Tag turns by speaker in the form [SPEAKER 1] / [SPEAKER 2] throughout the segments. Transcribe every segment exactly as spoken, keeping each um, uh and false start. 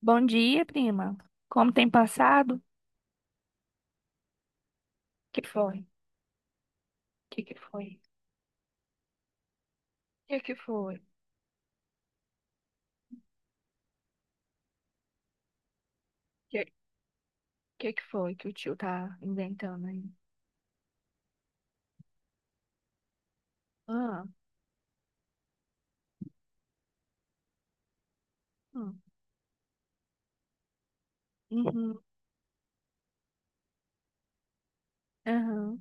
[SPEAKER 1] Bom dia, prima. Como tem passado? Que foi? Que que foi? Que que foi? Que que que foi que o tio tá inventando aí? Ah, hum, uhum, aham.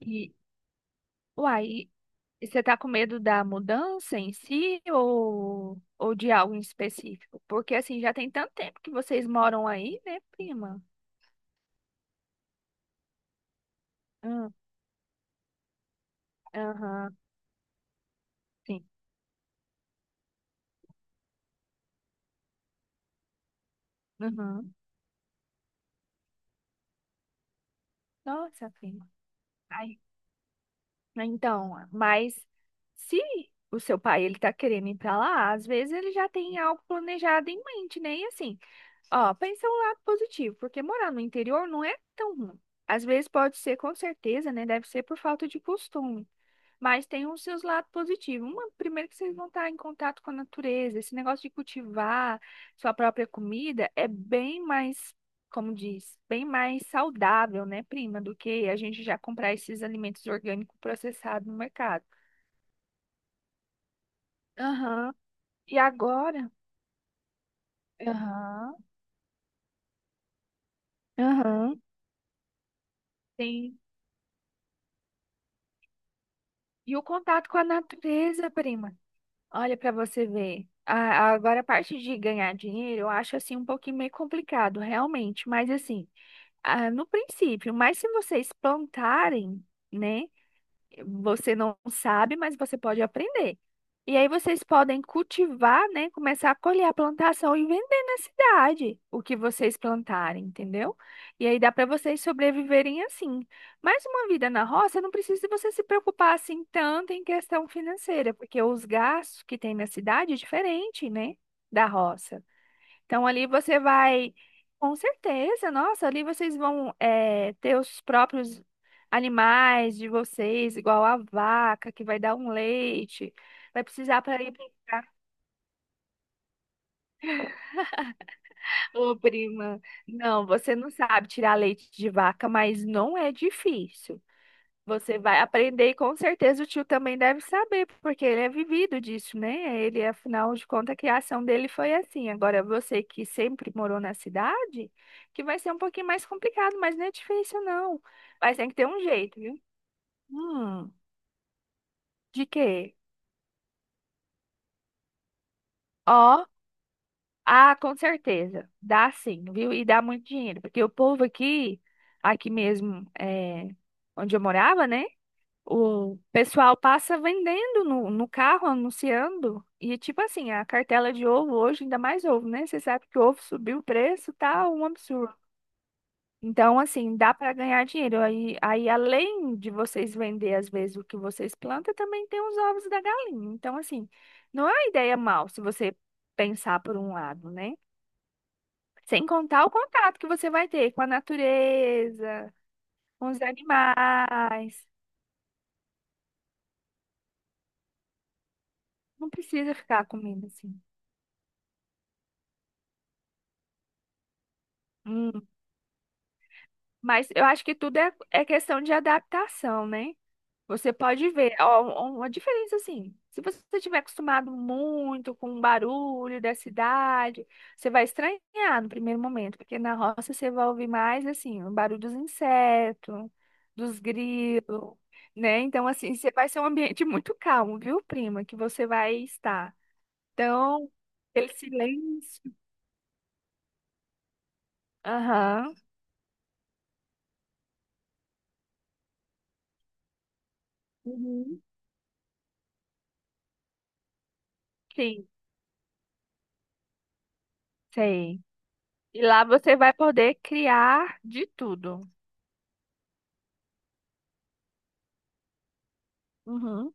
[SPEAKER 1] E, uai, e você tá com medo da mudança em si ou, ou de algo em específico? Porque, assim, já tem tanto tempo que vocês moram aí, né, prima? Ah, aham, sim. Aham. Nossa, prima. Ai, né? Então, mas se o seu pai ele tá querendo ir para lá, às vezes ele já tem algo planejado em mente, né? E assim, ó, pensa um lado positivo, porque morar no interior não é tão ruim. Às vezes pode ser, com certeza, né? Deve ser por falta de costume. Mas tem os seus lados positivos. Uma, primeiro que vocês vão estar em contato com a natureza. Esse negócio de cultivar sua própria comida é bem mais, como diz, bem mais saudável, né, prima, do que a gente já comprar esses alimentos orgânicos processados no mercado. Aham. E agora? Aham. Aham. Tem. E o contato com a natureza, prima. Olha para você ver. A- Agora, a parte de ganhar dinheiro, eu acho assim um pouquinho meio complicado, realmente. Mas assim. Ah, no princípio, mas se vocês plantarem, né? Você não sabe, mas você pode aprender. E aí vocês podem cultivar, né? Começar a colher a plantação e vender na cidade o que vocês plantarem, entendeu? E aí dá para vocês sobreviverem assim. Mas uma vida na roça não precisa você se preocupar assim tanto em questão financeira, porque os gastos que tem na cidade é diferente, né? Da roça. Então ali você vai, com certeza, nossa, ali vocês vão eh, ter os próprios animais de vocês, igual a vaca que vai dar um leite, vai precisar para ir pegar. Ô, prima, não, você não sabe tirar leite de vaca, mas não é difícil. Você vai aprender e com certeza o tio também deve saber, porque ele é vivido disso, né? Ele, afinal de contas, a criação dele foi assim. Agora, você que sempre morou na cidade, que vai ser um pouquinho mais complicado, mas não é difícil, não. Mas tem que ter um jeito, viu? Hum, de quê? Ó, ah, com certeza. Dá sim, viu? E dá muito dinheiro, porque o povo aqui, aqui mesmo, é, onde eu morava, né? O pessoal passa vendendo no, no carro, anunciando. E tipo assim, a cartela de ovo hoje, ainda mais ovo, né? Você sabe que o ovo subiu o preço, tá um absurdo. Então, assim, dá para ganhar dinheiro. Aí, aí, além de vocês vender, às vezes, o que vocês plantam, também tem os ovos da galinha. Então, assim, não é uma ideia mal se você pensar por um lado, né? Sem contar o contato que você vai ter com a natureza, com os animais. Não precisa ficar comendo assim. Mas eu acho que tudo é, é questão de adaptação, né? Você pode ver, ó, um- uma diferença assim. Se você estiver acostumado muito com o barulho da cidade, você vai estranhar no primeiro momento, porque na roça você vai ouvir mais assim, o barulho dos insetos, dos grilos, né? Então, assim, você vai ser um ambiente muito calmo, viu, prima, que você vai estar. Então, aquele silêncio. Aham. Uhum. Sim, sei. E lá você vai poder criar de tudo. Uhum.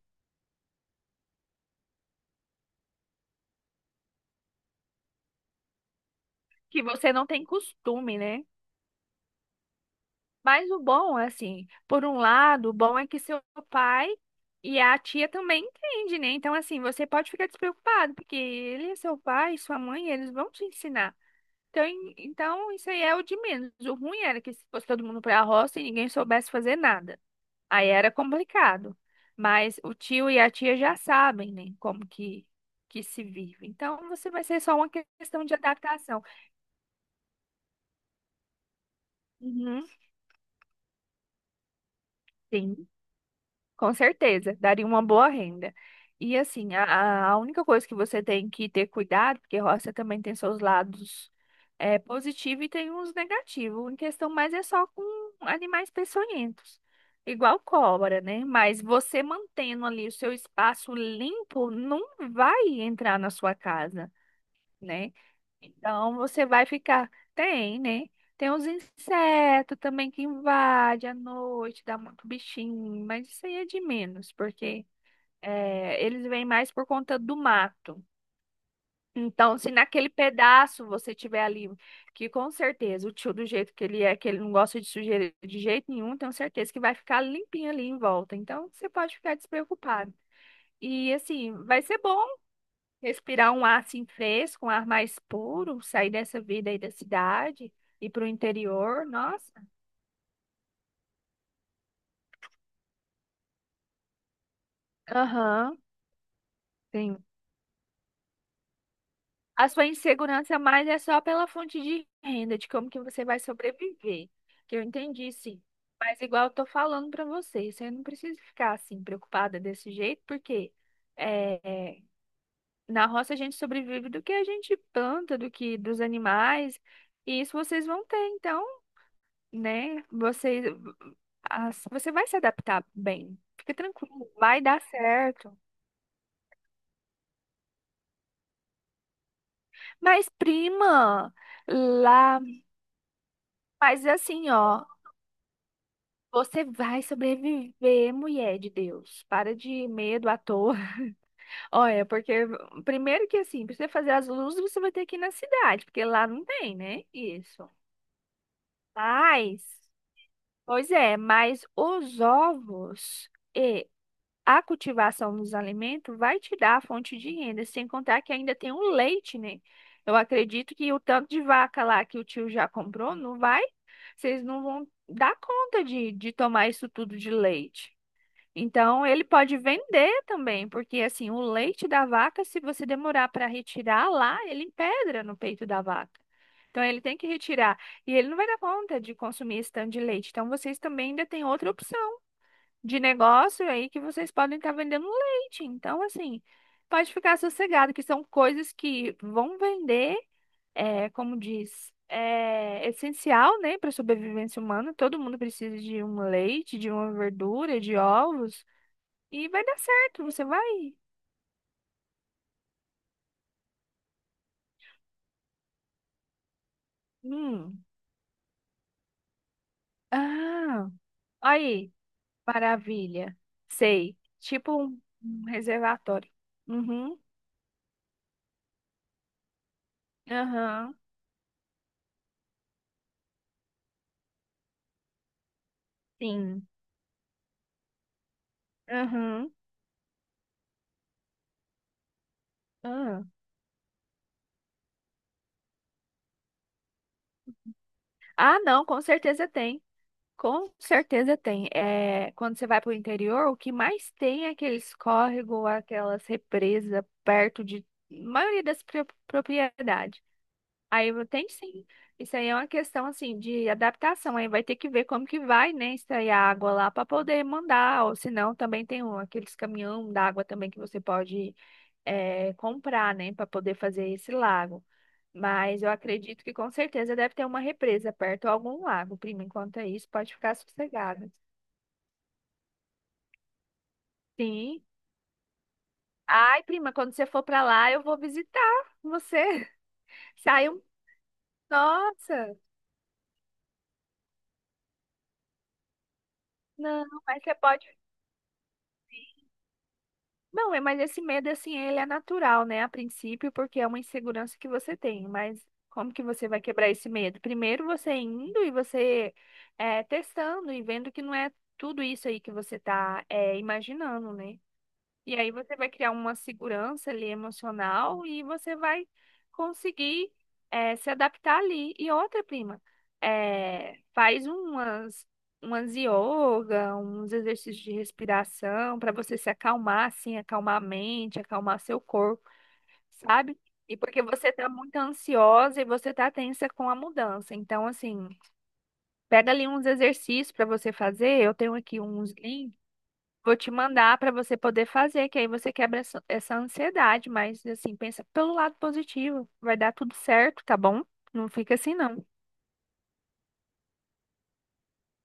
[SPEAKER 1] Que você não tem costume, né? Mas o bom, é assim, por um lado, o bom é que seu pai e a tia também entendem, né? Então, assim, você pode ficar despreocupado, porque ele, é seu pai, sua mãe, eles vão te ensinar. Então, em- então, isso aí é o de menos. O ruim era que se fosse todo mundo para a roça e ninguém soubesse fazer nada. Aí era complicado. Mas o tio e a tia já sabem, né, como que, que se vive. Então, você vai ser só uma questão de adaptação. Uhum, sim. Com certeza, daria uma boa renda. E assim, a, a única coisa que você tem que ter cuidado, porque roça também tem seus lados é, positivos e tem uns negativos. Em questão mais é só com animais peçonhentos, igual cobra, né? Mas você mantendo ali o seu espaço limpo, não vai entrar na sua casa, né? Então você vai ficar. Tem, né? Tem uns insetos também que invadem à noite, dá muito bichinho, mas isso aí é de menos, porque é, eles vêm mais por conta do mato. Então, se naquele pedaço você tiver ali, que com certeza o tio, do jeito que ele é, que ele não gosta de sujeira de jeito nenhum, tenho certeza que vai ficar limpinho ali em volta. Então, você pode ficar despreocupado. E assim, vai ser bom respirar um ar assim fresco, um ar mais puro, sair dessa vida aí da cidade, ir para o interior, nossa. Aham, sim. A sua insegurança mais é só pela fonte de renda, de como que você vai sobreviver. Que eu entendi, sim. Mas igual eu tô falando para você, você não precisa ficar assim preocupada desse jeito, porque é, é, na roça a gente sobrevive do que a gente planta, do que dos animais, e isso vocês vão ter, então. Né? Você, as- você vai se adaptar bem. Fica tranquilo, vai dar certo. Mas, prima, lá, mas assim, ó, você vai sobreviver, mulher de Deus. Para de medo à toa. Olha, porque primeiro que assim, pra você fazer as luzes, você vai ter que ir na cidade, porque lá não tem, né? Isso. Mas, pois é, mas os ovos. A cultivação dos alimentos vai te dar a fonte de renda, sem contar que ainda tem o leite, né? Eu acredito que o tanto de vaca lá que o tio já comprou, não vai, vocês não vão dar conta de, de tomar isso tudo de leite. Então, ele pode vender também, porque assim, o leite da vaca, se você demorar para retirar lá, ele empedra no peito da vaca. Então, ele tem que retirar. E ele não vai dar conta de consumir esse tanto de leite. Então, vocês também ainda têm outra opção de negócio aí que vocês podem estar vendendo leite. Então, assim, pode ficar sossegado, que são coisas que vão vender, é, como diz, é essencial, né, para a sobrevivência humana. Todo mundo precisa de um leite, de uma verdura, de ovos. E vai dar certo, você vai. Hum. Ah, aí, maravilha. Sei. Tipo um um reservatório. Uhum. Aham. Sim. Aham. ah Ah, não, com certeza tem. Com certeza tem. É, quando você vai para o interior, o que mais tem é aqueles córregos, aquelas represas perto de maioria das pro- propriedades. Aí eu- tem sim. Isso aí é uma questão assim de adaptação. Aí vai ter que ver como que vai, né, extrair a água lá para poder mandar. Ou senão também tem um- aqueles caminhão d'água também que você pode eh, comprar, né, para poder fazer esse lago. Mas eu acredito que com certeza deve ter uma represa perto ou algum lago, prima. Enquanto é isso, pode ficar sossegada. Sim. Ai, prima, quando você for para lá, eu vou visitar você. Saiu. Nossa! Não, mas você pode. Não, é- mas esse medo, assim, ele é natural, né, a princípio, porque é uma insegurança que você tem, mas como que você vai quebrar esse medo? Primeiro você indo e você é, testando e vendo que não é tudo isso aí que você tá é, imaginando, né? E aí você vai criar uma segurança ali emocional e você vai conseguir eh, se adaptar ali. E outra, prima, eh, faz umas, umas yoga, uns exercícios de respiração para você se acalmar, assim, acalmar a mente, acalmar seu corpo, sabe? E porque você tá muito ansiosa e você tá tensa com a mudança. Então, assim, pega ali uns exercícios para você fazer. Eu tenho aqui uns links. Vou te mandar para você poder fazer, que aí você quebra essa, essa ansiedade, mas assim, pensa pelo lado positivo. Vai dar tudo certo, tá bom? Não fica assim, não.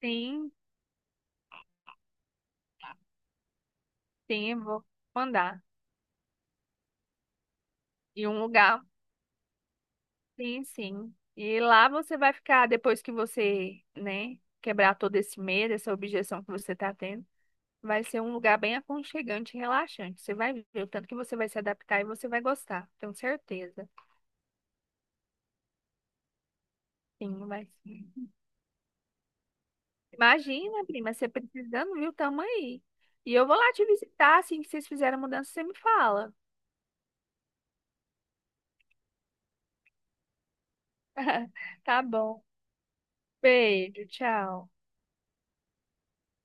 [SPEAKER 1] Sim, sim, eu vou mandar. E um lugar, sim, sim. E lá você vai ficar, depois que você, né, quebrar todo esse medo, essa objeção que você tá tendo, vai ser um lugar bem aconchegante e relaxante. Você vai ver o tanto que você vai se adaptar e você vai gostar, tenho certeza. Sim, vai. Imagina, prima, você precisando, viu? Tamo aí. E eu vou lá te visitar, assim que vocês fizerem a mudança, você me fala. Tá bom. Beijo, tchau.